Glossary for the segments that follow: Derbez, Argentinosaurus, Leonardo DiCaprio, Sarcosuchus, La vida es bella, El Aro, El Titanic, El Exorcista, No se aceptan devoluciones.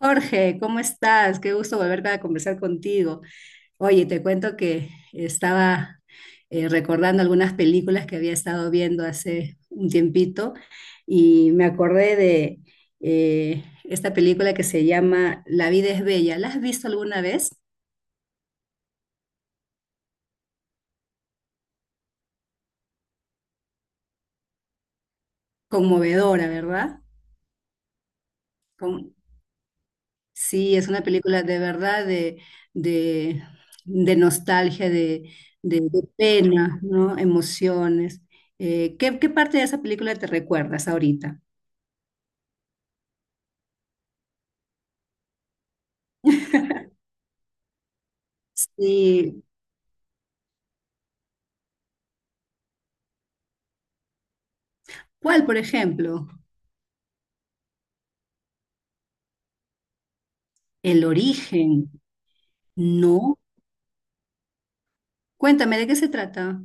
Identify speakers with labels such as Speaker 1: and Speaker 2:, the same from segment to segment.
Speaker 1: Jorge, ¿cómo estás? Qué gusto volver a conversar contigo. Oye, te cuento que estaba recordando algunas películas que había estado viendo hace un tiempito y me acordé de esta película que se llama La vida es bella. ¿La has visto alguna vez? Conmovedora, ¿verdad? Con- Sí, es una película de verdad de, de nostalgia, de pena, ¿no? Emociones. ¿Qué parte de esa película te recuerdas ahorita? Sí, ¿cuál, por ejemplo? El origen, ¿no? Cuéntame, ¿de qué se trata?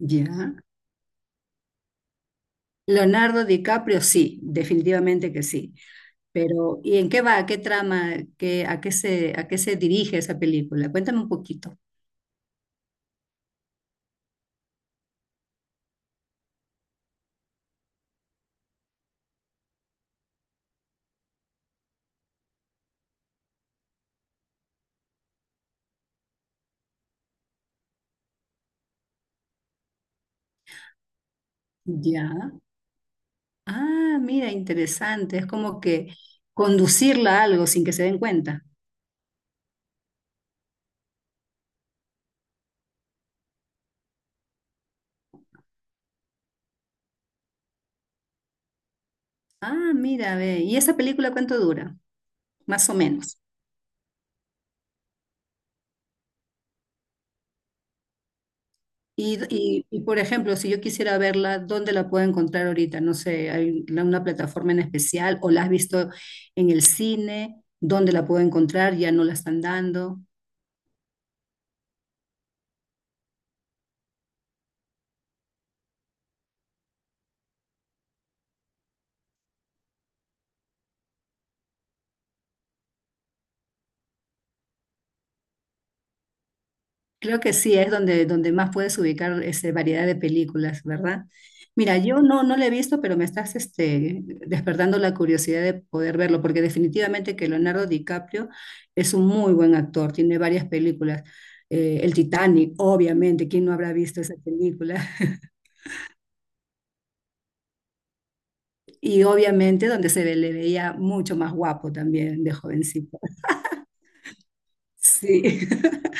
Speaker 1: Ya. Leonardo DiCaprio, sí, definitivamente que sí. Pero, ¿y en qué va? ¿Qué trama? ¿Qué, a qué se dirige esa película? Cuéntame un poquito. Ya. Ah, mira, interesante. Es como que conducirla a algo sin que se den cuenta. Ah, mira, ve. ¿Y esa película cuánto dura? Más o menos. Y, por ejemplo, si yo quisiera verla, ¿dónde la puedo encontrar ahorita? No sé, ¿hay una plataforma en especial o la has visto en el cine? ¿Dónde la puedo encontrar? ¿Ya no la están dando? Creo que sí, es donde, donde más puedes ubicar esa variedad de películas, ¿verdad? Mira, yo no la he visto, pero me estás despertando la curiosidad de poder verlo, porque definitivamente que Leonardo DiCaprio es un muy buen actor, tiene varias películas. El Titanic, obviamente, ¿quién no habrá visto esa película? Y obviamente donde le veía mucho más guapo también de jovencito. Sí.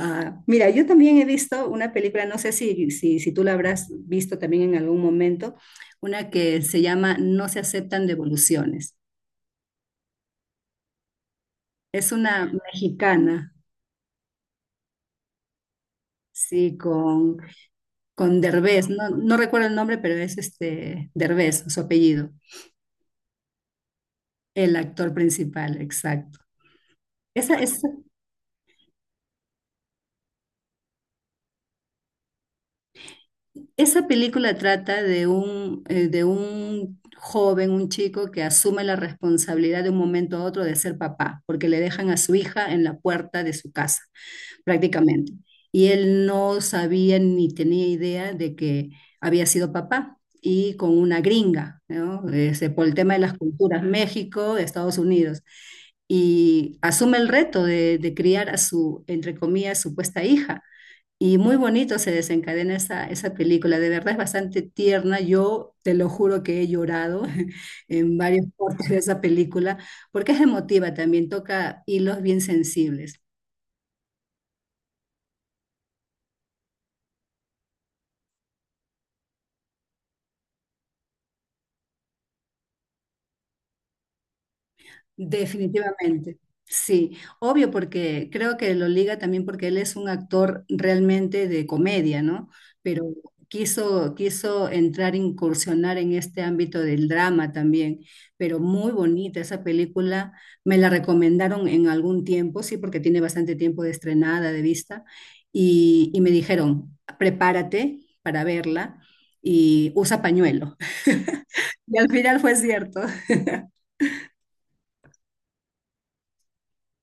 Speaker 1: Ah, mira, yo también he visto una película, no sé si tú la habrás visto también en algún momento, una que se llama No se aceptan devoluciones. Es una mexicana, sí, con Derbez, no recuerdo el nombre, pero es este Derbez, su apellido, el actor principal, exacto. Esa Esa película trata de un joven, un chico que asume la responsabilidad de un momento a otro de ser papá, porque le dejan a su hija en la puerta de su casa, prácticamente. Y él no sabía ni tenía idea de que había sido papá y con una gringa, ¿no? Ese, por el tema de las culturas, México, Estados Unidos y asume el reto de criar a su, entre comillas, supuesta hija. Y muy bonito se desencadena esa película, de verdad es bastante tierna, yo te lo juro que he llorado en varios partes de esa película, porque es emotiva también, toca hilos bien sensibles. Definitivamente, sí. Obvio porque creo que lo liga también porque él es un actor realmente de comedia, ¿no? Pero quiso entrar, incursionar en este ámbito del drama también, pero muy bonita esa película. Me la recomendaron en algún tiempo, sí, porque tiene bastante tiempo de estrenada, de vista, y me dijeron, prepárate para verla y usa pañuelo. Y al final fue cierto.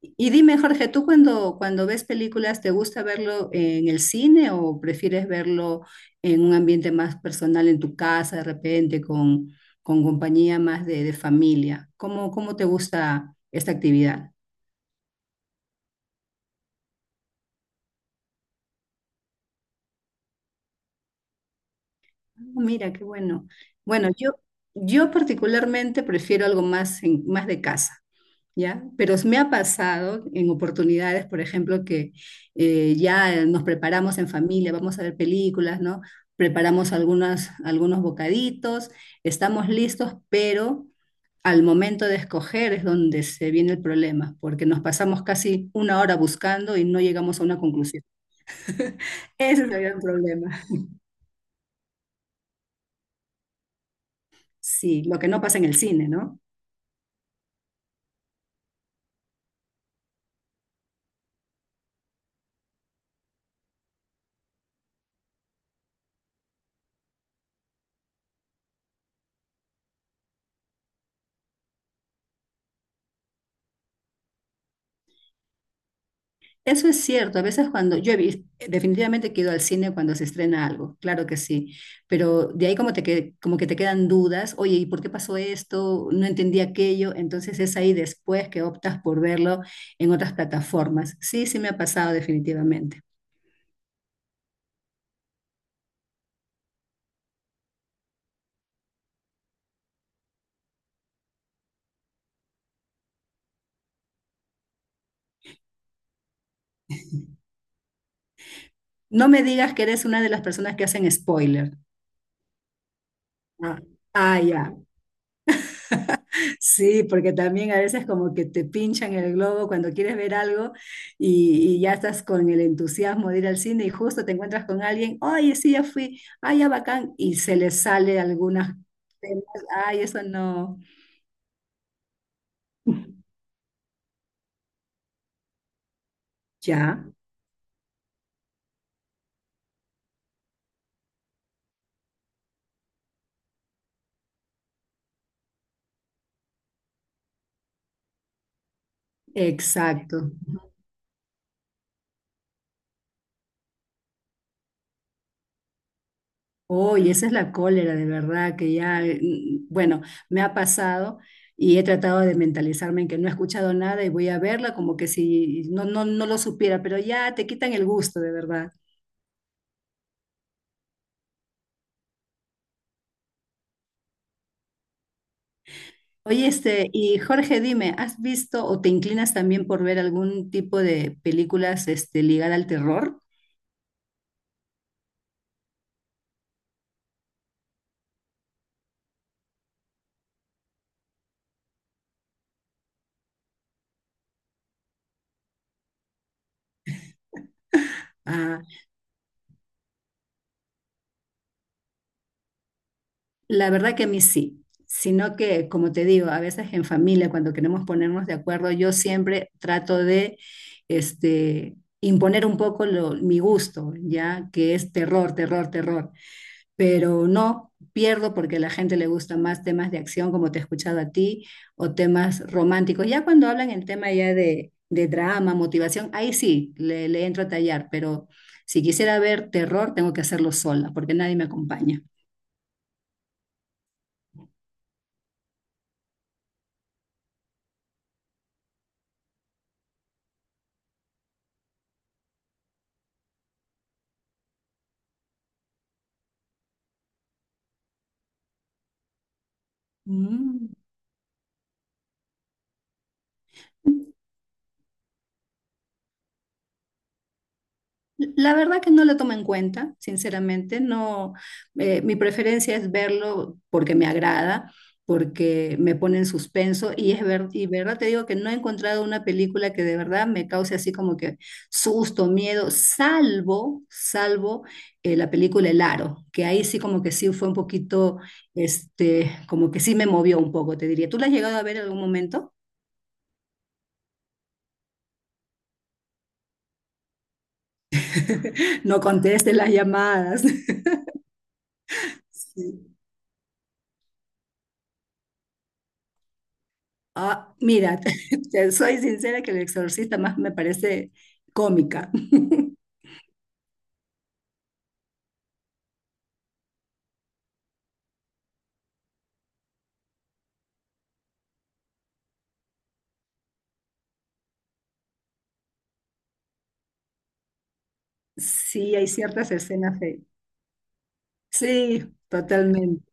Speaker 1: Y dime, Jorge, ¿tú cuando ves películas, te gusta verlo en el cine o prefieres verlo en un ambiente más personal, en tu casa, de repente, con compañía más de familia? Cómo te gusta esta actividad? Oh, mira, qué bueno. Bueno, yo particularmente prefiero algo más, más de casa. ¿Ya? Pero me ha pasado en oportunidades, por ejemplo, que ya nos preparamos en familia, vamos a ver películas, ¿no? Preparamos algunos bocaditos, estamos listos, pero al momento de escoger es donde se viene el problema, porque nos pasamos casi una hora buscando y no llegamos a una conclusión. Ese es el gran problema. Sí, lo que no pasa en el cine, ¿no? Eso es cierto, a veces cuando yo definitivamente que al cine cuando se estrena algo, claro que sí, pero de ahí como que te quedan dudas, oye, ¿y por qué pasó esto? No entendí aquello, entonces es ahí después que optas por verlo en otras plataformas. Sí, sí me ha pasado definitivamente. No me digas que eres una de las personas que hacen spoiler. Ah, ah, ya. Sí, porque también a veces como que te pinchan el globo cuando quieres ver algo y ya estás con el entusiasmo de ir al cine y justo te encuentras con alguien, oye, sí, ya fui, ay, ya bacán, y se le sale algunas temas, ay, eso no. Ya, exacto. Oye, esa es la cólera, de verdad, que ya, bueno, me ha pasado y he tratado de mentalizarme en que no he escuchado nada y voy a verla como que si no, no lo supiera, pero ya te quitan el gusto, de verdad. Oye, este, y Jorge, dime, ¿has visto o te inclinas también por ver algún tipo de películas, este, ligada al terror? Ah, la verdad que a mí sí, sino que, como te digo, a veces en familia, cuando queremos ponernos de acuerdo, yo siempre trato de, este, imponer un poco mi gusto, ya que es terror, terror, terror. Pero no pierdo porque a la gente le gusta más temas de acción, como te he escuchado a ti, o temas románticos. Ya cuando hablan el tema ya de drama, motivación, ahí sí, le entro a tallar, pero si quisiera ver terror, tengo que hacerlo sola, porque nadie me acompaña. Mm. La verdad que no la tomo en cuenta, sinceramente, no, mi preferencia es verlo porque me agrada, porque me pone en suspenso y verdad te digo que no he encontrado una película que de verdad me cause así como que susto, miedo, salvo la película El Aro, que ahí sí como que sí fue un poquito, este, como que sí me movió un poco, te diría. ¿Tú la has llegado a ver en algún momento? No contestes las llamadas. Sí. Ah, mira, te soy sincera que El Exorcista más me parece cómica. Sí, hay ciertas escenas de... Sí, totalmente.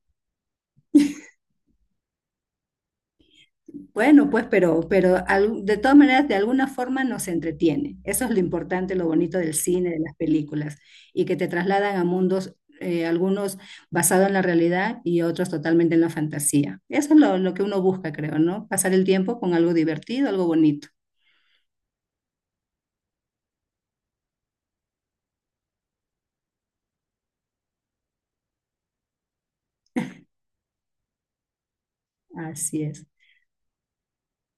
Speaker 1: Bueno, pues, pero, de todas maneras, de alguna forma nos entretiene. Eso es lo importante, lo bonito del cine, de las películas, y que te trasladan a mundos, algunos basados en la realidad y otros totalmente en la fantasía. Eso es lo que uno busca, creo, ¿no? Pasar el tiempo con algo divertido, algo bonito. Así es.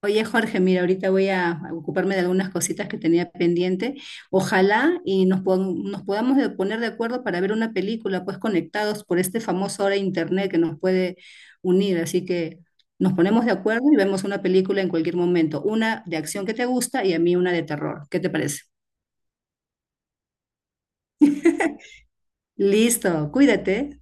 Speaker 1: Oye, Jorge, mira, ahorita voy a ocuparme de algunas cositas que tenía pendiente. Ojalá y nos, pon- nos podamos de- poner de acuerdo para ver una película, pues conectados por este famoso ahora internet que nos puede unir. Así que nos ponemos de acuerdo y vemos una película en cualquier momento. Una de acción que te gusta y a mí una de terror. ¿Qué te parece? Listo, cuídate.